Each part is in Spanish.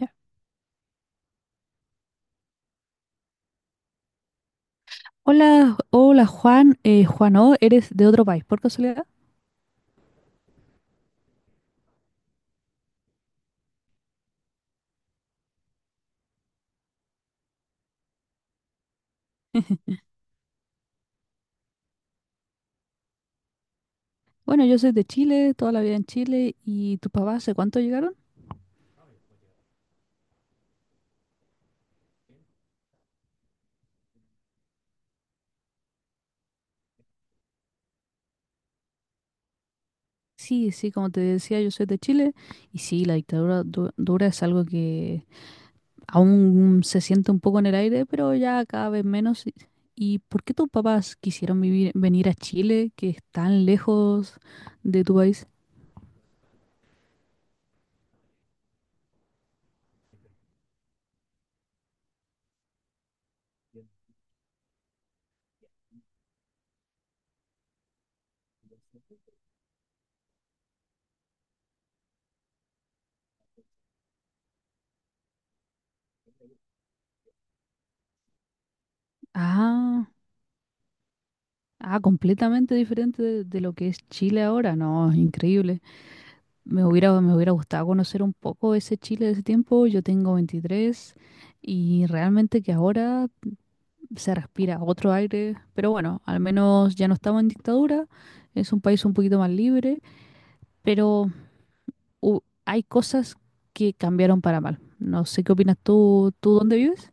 Ya. Hola, hola Juan, Juan O, ¿eres de otro país por casualidad? Bueno, yo soy de Chile, toda la vida en Chile, ¿y tus papás hace cuánto llegaron? Sí, sí, como te decía, yo soy de Chile, y sí, la dictadura dura es algo que aún se siente un poco en el aire, pero ya cada vez menos. ¿Y por qué tus papás quisieron vivir, venir a Chile, que es tan lejos de tu país? Ah, ah, completamente diferente de lo que es Chile ahora, no, increíble. Me hubiera gustado conocer un poco ese Chile de ese tiempo. Yo tengo 23 y realmente que ahora se respira otro aire. Pero bueno, al menos ya no estamos en dictadura. Es un país un poquito más libre. Pero hay cosas que cambiaron para mal. No sé qué opinas tú, ¿tú dónde vives?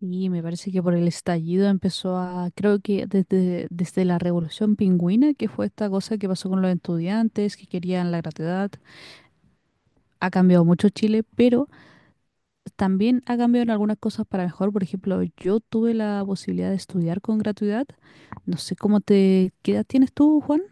Y me parece que por el estallido empezó a, creo que desde la Revolución Pingüina, que fue esta cosa que pasó con los estudiantes que querían la gratuidad, ha cambiado mucho Chile, pero también ha cambiado en algunas cosas para mejor. Por ejemplo, yo tuve la posibilidad de estudiar con gratuidad. No sé cómo te... ¿Qué edad tienes tú, Juan?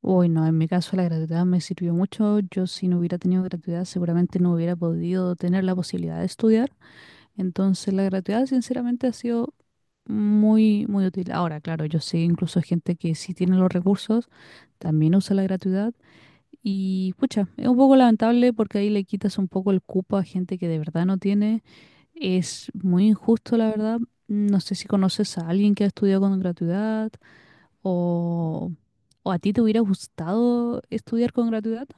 Uy, no, en mi caso la gratuidad me sirvió mucho. Yo si no hubiera tenido gratuidad seguramente no hubiera podido tener la posibilidad de estudiar. Entonces la gratuidad sinceramente ha sido muy, muy útil. Ahora, claro, yo sé incluso gente que sí tiene los recursos, también usa la gratuidad. Y pucha, es un poco lamentable porque ahí le quitas un poco el cupo a gente que de verdad no tiene. Es muy injusto, la verdad. No sé si conoces a alguien que ha estudiado con gratuidad o, o a ti te hubiera gustado estudiar con gratuidad.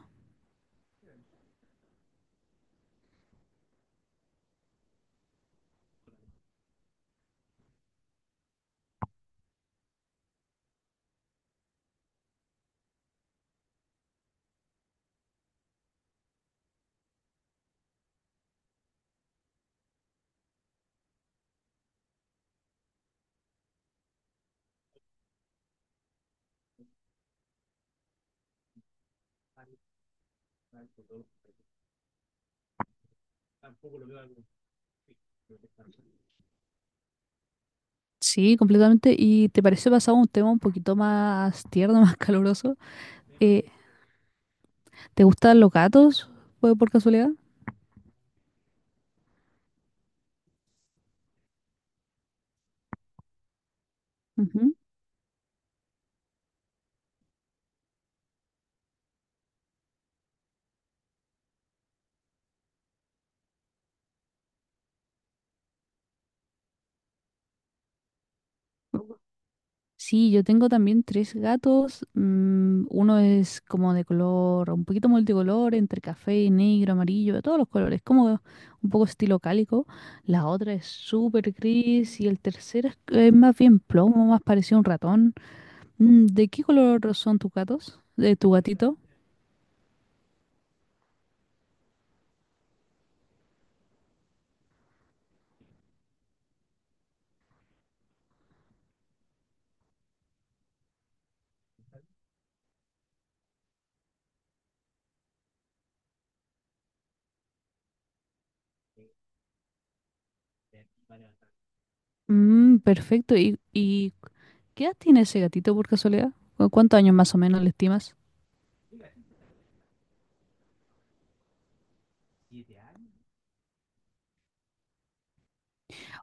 Sí, completamente. ¿Y te parece pasado un tema un poquito más tierno, más caluroso? Eh, ¿Te gustan los gatos? ¿Fue por casualidad? Ujú. Sí, yo tengo también tres gatos. Uno es como de color, un poquito multicolor, entre café, negro, amarillo, de todos los colores, como un poco estilo cálico. La otra es súper gris y el tercero es más bien plomo, más parecido a un ratón. Mm, ¿de qué color son tus gatos? ¿De tu gatito? Mm, perfecto. Y qué edad tiene ese gatito por casualidad? Cuántos años más o menos le estimas?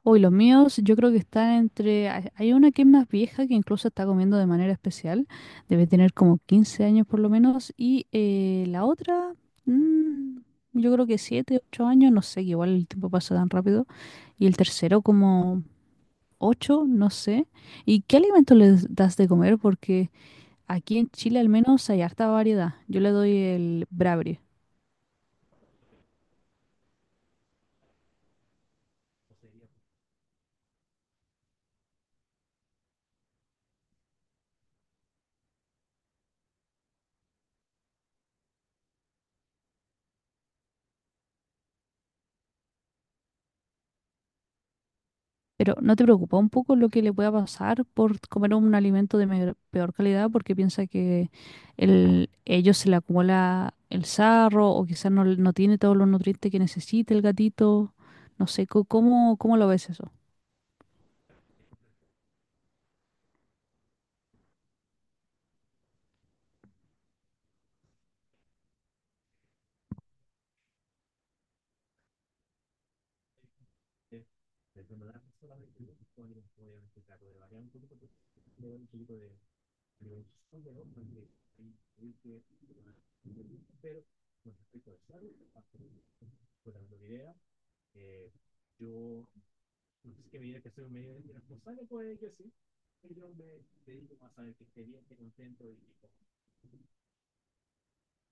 Uy, los míos yo creo que están entre... Hay una que es más vieja que incluso está comiendo de manera especial. Debe tener como 15 años por lo menos. Y la otra, mm, yo creo que 7, 8 años, no sé, que igual el tiempo pasa tan rápido. Y el tercero como 8, no sé. ¿Y qué alimento les das de comer? Porque aquí en Chile al menos hay harta variedad. Yo le doy el Pero ¿no te preocupa un poco lo que le pueda pasar por comer un alimento de peor calidad? Porque piensa que ellos se le acumula el sarro o quizás no tiene todos los nutrientes que necesita el gatito. No sé, ¿cómo lo ves eso?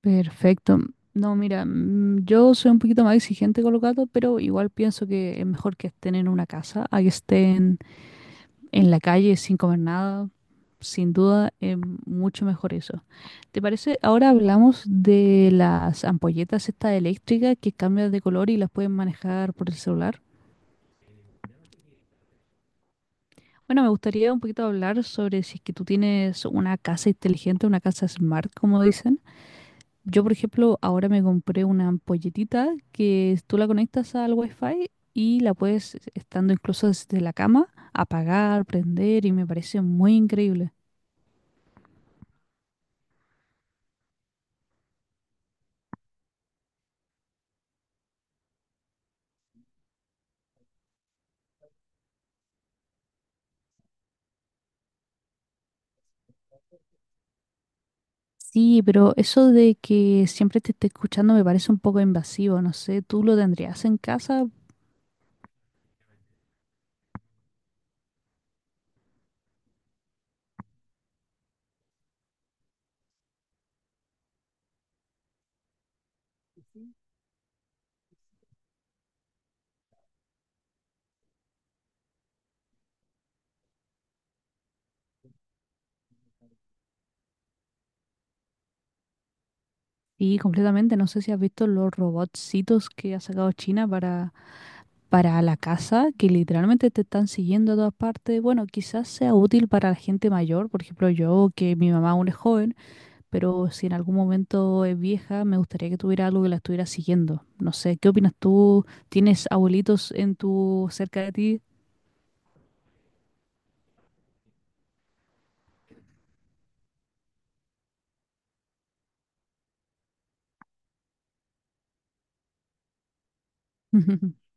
Perfecto. No, mira, yo soy un poquito más exigente con los gatos, pero igual pienso que es mejor que estén en una casa a que estén en la calle sin comer nada, sin duda es mucho mejor eso. ¿Te parece? Ahora hablamos de las ampolletas estas eléctricas que cambian de color y las pueden manejar por el celular. Bueno, me gustaría un poquito hablar sobre si es que tú tienes una casa inteligente, una casa smart, como dicen. Yo, por ejemplo, ahora me compré una ampolletita que tú la conectas al Wi-Fi y la puedes, estando incluso desde la cama, apagar, prender y me parece muy increíble. Sí, pero eso de que siempre te esté escuchando me parece un poco invasivo, no sé, ¿tú lo tendrías en casa? Sí, completamente, no sé si has visto los robotcitos que ha sacado China para la casa, que literalmente te están siguiendo a todas partes. Bueno, quizás sea útil para la gente mayor, por ejemplo yo, que mi mamá aún es joven, pero si en algún momento es vieja, me gustaría que tuviera algo que la estuviera siguiendo. No sé, ¿qué opinas tú? ¿Tienes abuelitos en tu cerca de ti?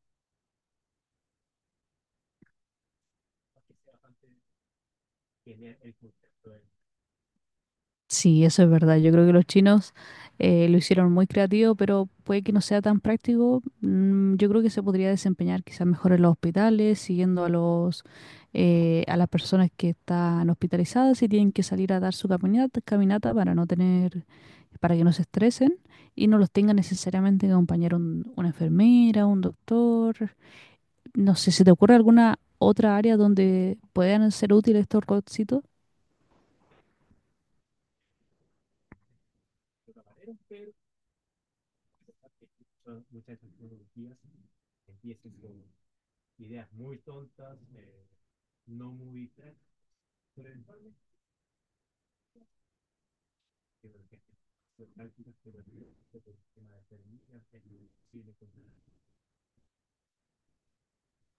Sí, eso es verdad. Yo creo que los chinos lo hicieron muy creativo, pero puede que no sea tan práctico. Yo creo que se podría desempeñar quizás mejor en los hospitales, siguiendo a los a las personas que están hospitalizadas y tienen que salir a dar su caminata, caminata para no tener, para que no se estresen y no los tenga necesariamente que acompañar una enfermera, un doctor. No sé, ¿se te ocurre alguna otra área donde puedan ser útiles estos robotcitos?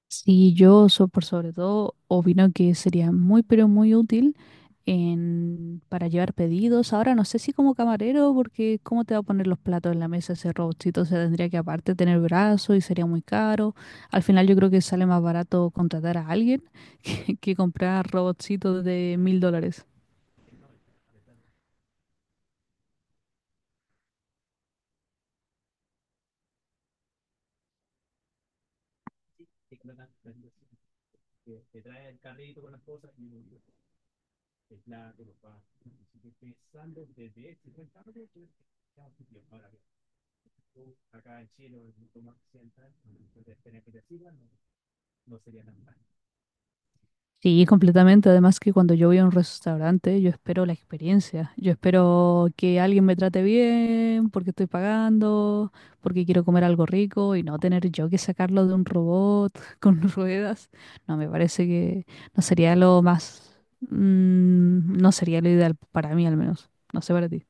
Sí, yo por sobre todo opino que sería muy pero muy útil para llevar pedidos. Ahora no sé si como camarero, porque cómo te va a poner los platos en la mesa ese robotcito, se tendría que aparte tener brazo y sería muy caro. Al final yo creo que sale más barato contratar a alguien que comprar robotcitos de $1.000. Sí, completamente. Además que cuando yo voy a un restaurante, yo espero la experiencia. Yo espero que alguien me trate bien, porque estoy pagando, porque quiero comer algo rico y no tener yo que sacarlo de un robot con ruedas. No, me parece que no sería lo más, no sería lo ideal para mí al menos. No sé para ti.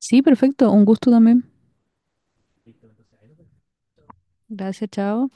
Sí, perfecto. Un gusto también. Gracias, chao.